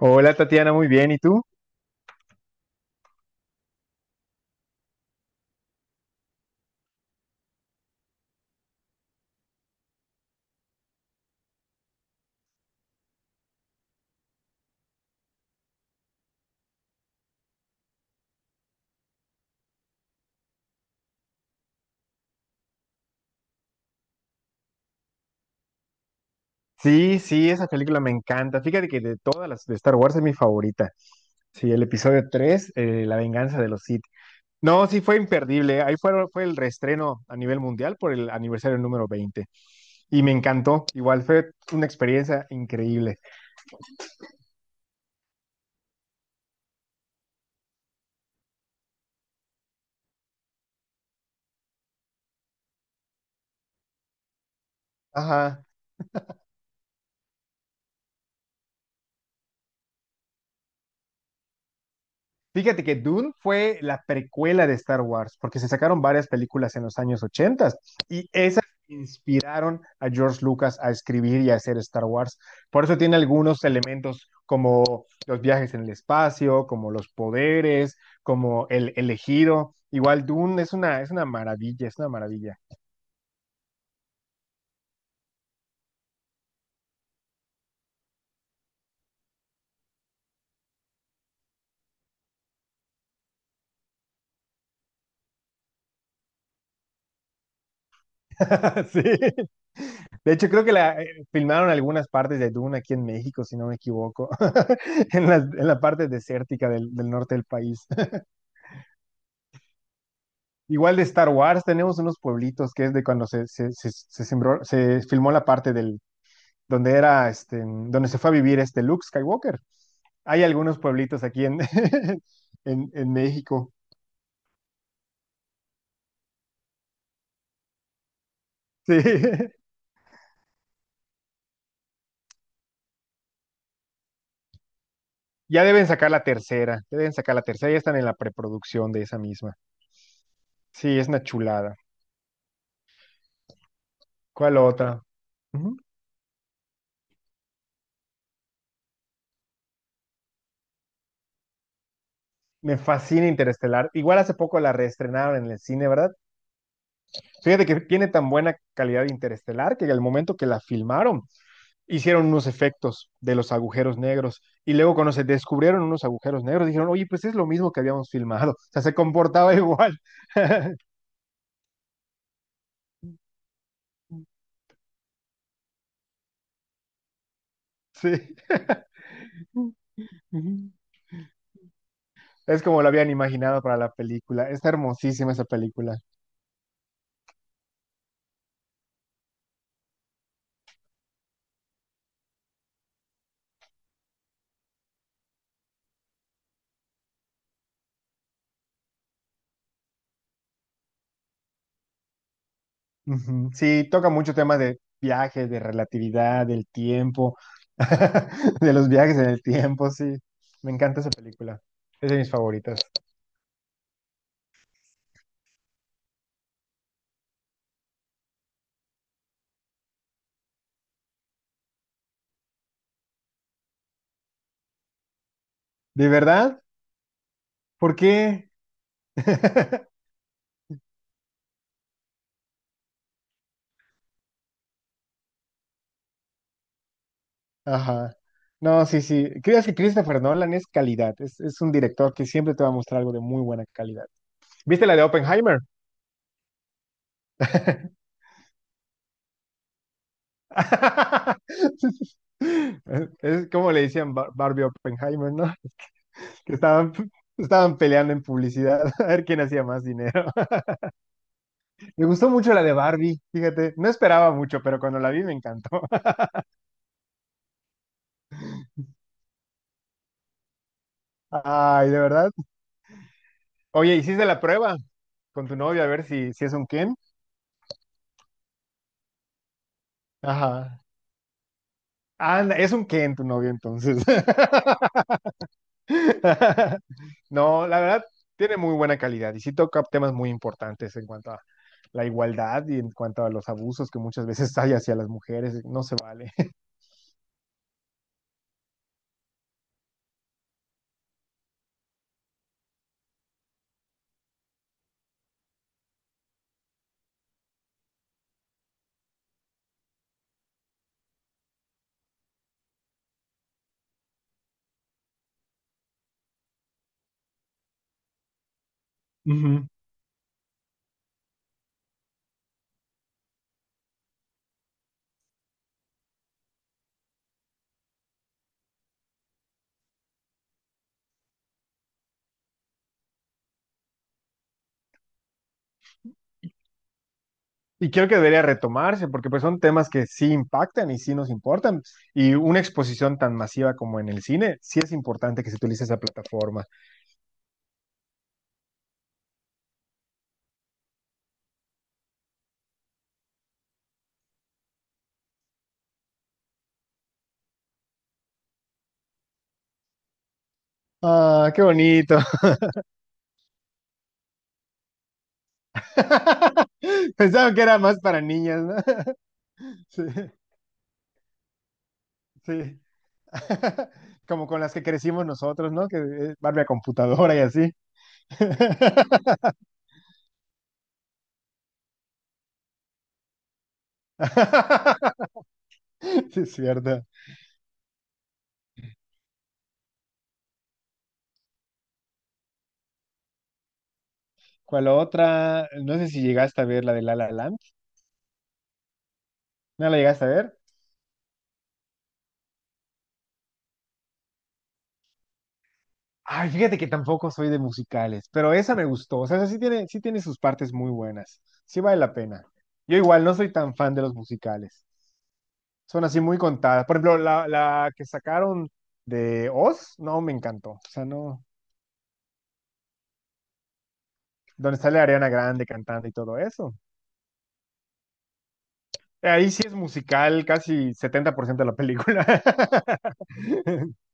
Hola Tatiana, muy bien. ¿Y tú? Sí, sí, esa película me encanta. Fíjate que de todas las de Star Wars es mi favorita. Sí, el episodio 3, La venganza de los Sith. No, sí, fue imperdible. Fue el reestreno a nivel mundial por el aniversario número 20. Y me encantó. Igual fue una experiencia increíble. Ajá. Fíjate que Dune fue la precuela de Star Wars, porque se sacaron varias películas en los años 80 y esas inspiraron a George Lucas a escribir y a hacer Star Wars. Por eso tiene algunos elementos como los viajes en el espacio, como los poderes, como el elegido. Igual Dune es una maravilla, es una maravilla. Sí. De hecho, creo que la filmaron algunas partes de Dune aquí en México, si no me equivoco. En la parte desértica del norte del país. Igual de Star Wars, tenemos unos pueblitos que es de cuando se se filmó la parte del, donde era, este, donde se fue a vivir este Luke Skywalker. Hay algunos pueblitos aquí en, en México. Sí. Ya deben sacar la tercera, ya deben sacar la tercera, ya están en la preproducción de esa misma. Sí, es una chulada. ¿Cuál otra? Ujú. Me fascina Interestelar. Igual hace poco la reestrenaron en el cine, ¿verdad? Fíjate que tiene tan buena calidad de Interestelar que al momento que la filmaron, hicieron unos efectos de los agujeros negros y luego cuando se descubrieron unos agujeros negros dijeron, oye, pues es lo mismo que habíamos filmado, o sea, se comportaba igual. Sí, ujú, es como lo habían imaginado para la película, está hermosísima esa película. Ujú. Sí, toca mucho tema de viajes de relatividad, del tiempo, de los viajes en el tiempo, sí, me encanta esa película, es de mis favoritas. ¿De verdad? ¿Por qué? Ajá. No, sí, sí. Creo que Christopher Nolan es calidad. Es un director que siempre te va a mostrar algo de muy buena calidad. ¿Viste la de Oppenheimer? Es como le decían Barbie Oppenheimer, ¿no? Que estaban, estaban peleando en publicidad a ver quién hacía más dinero. Me gustó mucho la de Barbie, fíjate. No esperaba mucho, pero cuando la vi me encantó. Ay, de verdad. Oye, ¿hiciste la prueba con tu novio a ver si es un Ken? Ajá. Ah, anda, es un Ken tu novio entonces. No, la verdad, tiene muy buena calidad y sí toca temas muy importantes en cuanto a la igualdad y en cuanto a los abusos que muchas veces hay hacia las mujeres, no se vale. Ujú. Y creo que debería retomarse porque pues son temas que sí impactan y sí nos importan. Y una exposición tan masiva como en el cine, sí es importante que se utilice esa plataforma. Ah, qué bonito. Pensaban que era más para niñas, ¿no? Sí. Sí. Como con las que crecimos nosotros, ¿no? Que es Barbie a computadora y así. Sí, es cierto. ¿Cuál otra? No sé si llegaste a ver la de La La Land. ¿No la llegaste a ver? Ay, fíjate que tampoco soy de musicales, pero esa me gustó. O sea, esa sí tiene sus partes muy buenas. Sí vale la pena. Yo igual no soy tan fan de los musicales. Son así muy contadas. Por ejemplo, la que sacaron de Oz, no me encantó. O sea, no. Donde sale Ariana Grande cantando y todo eso. Ahí sí es musical, casi 70% de la película.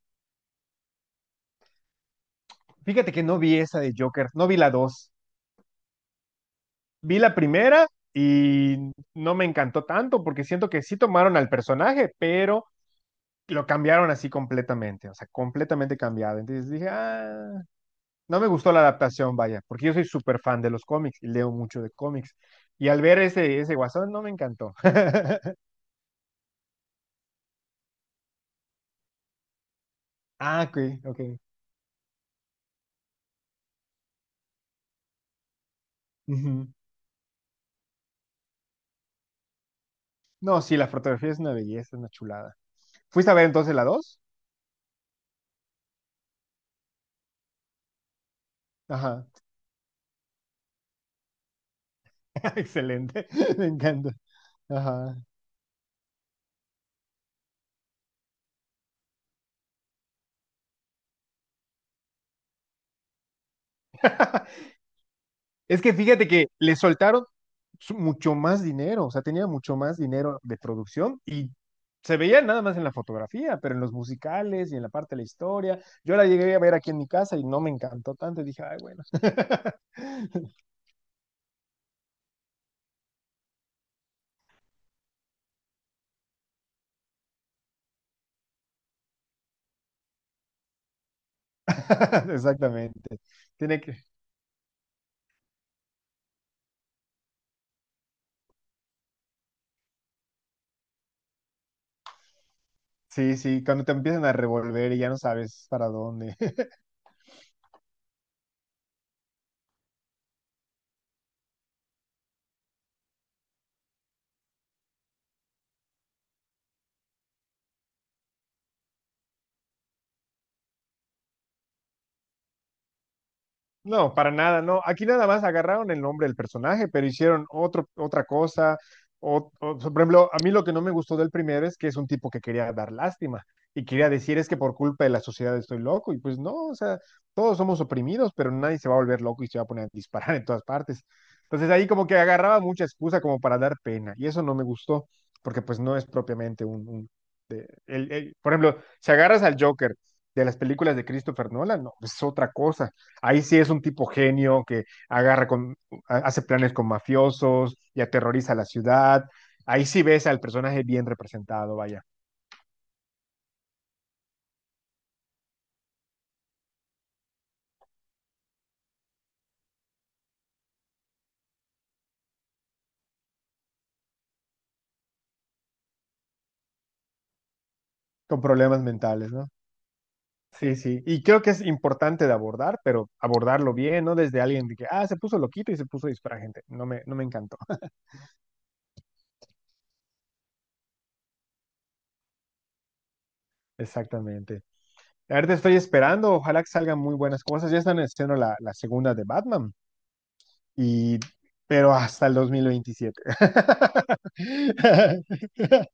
Fíjate que no vi esa de Joker, no vi la dos. Vi la primera y no me encantó tanto porque siento que sí tomaron al personaje, pero lo cambiaron así completamente, o sea, completamente cambiado. Entonces dije, ah, no me gustó la adaptación, vaya, porque yo soy súper fan de los cómics y leo mucho de cómics. Y al ver ese guasón, no me encantó. Ah, ok, ok. Ujú. No, sí, la fotografía es una belleza, es una chulada. ¿Fuiste a ver entonces la dos? Ajá, excelente, me encanta. Ajá. Es que fíjate que le soltaron mucho más dinero, o sea, tenía mucho más dinero de producción y se veía nada más en la fotografía, pero en los musicales y en la parte de la historia. Yo la llegué a ver aquí en mi casa y no me encantó tanto, y dije, ay, bueno. Exactamente. Tiene que, sí, sí, cuando te empiezan a revolver y ya no sabes para dónde. No, para nada, no. Aquí nada más agarraron el nombre del personaje, pero hicieron otro, otra cosa. Por ejemplo, a mí lo que no me gustó del primero es que es un tipo que quería dar lástima y quería decir es que por culpa de la sociedad estoy loco. Y pues no, o sea, todos somos oprimidos, pero nadie se va a volver loco y se va a poner a disparar en todas partes. Entonces ahí como que agarraba mucha excusa como para dar pena y eso no me gustó porque pues no es propiamente un por ejemplo, si agarras al Joker de las películas de Christopher Nolan, no, es otra cosa. Ahí sí es un tipo genio que agarra con, hace planes con mafiosos y aterroriza a la ciudad. Ahí sí ves al personaje bien representado, vaya, con problemas mentales, ¿no? Sí, sí. Y creo que es importante de abordar, pero abordarlo bien, no desde alguien de que, ah, se puso loquito y se puso a disparar gente. No me encantó. Exactamente. Ahorita estoy esperando, ojalá que salgan muy buenas cosas. Ya están haciendo la segunda de Batman. y, pero hasta el 2027.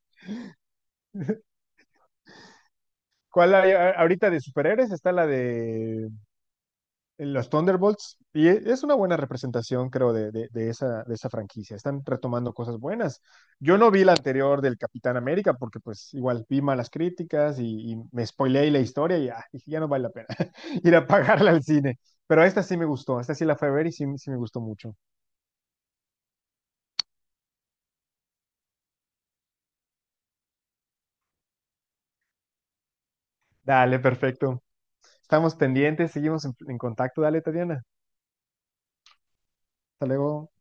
¿Cuál hay? Ahorita de superhéroes está la de los Thunderbolts y es una buena representación, creo, de, de esa franquicia. Están retomando cosas buenas. Yo no vi la anterior del Capitán América porque pues igual vi malas críticas y me spoileé la historia y ah, dije, ya no vale la pena ir a pagarla al cine. Pero esta sí me gustó, esta sí la fui a ver y sí, sí me gustó mucho. Dale, perfecto. Estamos pendientes, seguimos en contacto. Dale, Tatiana. Hasta luego.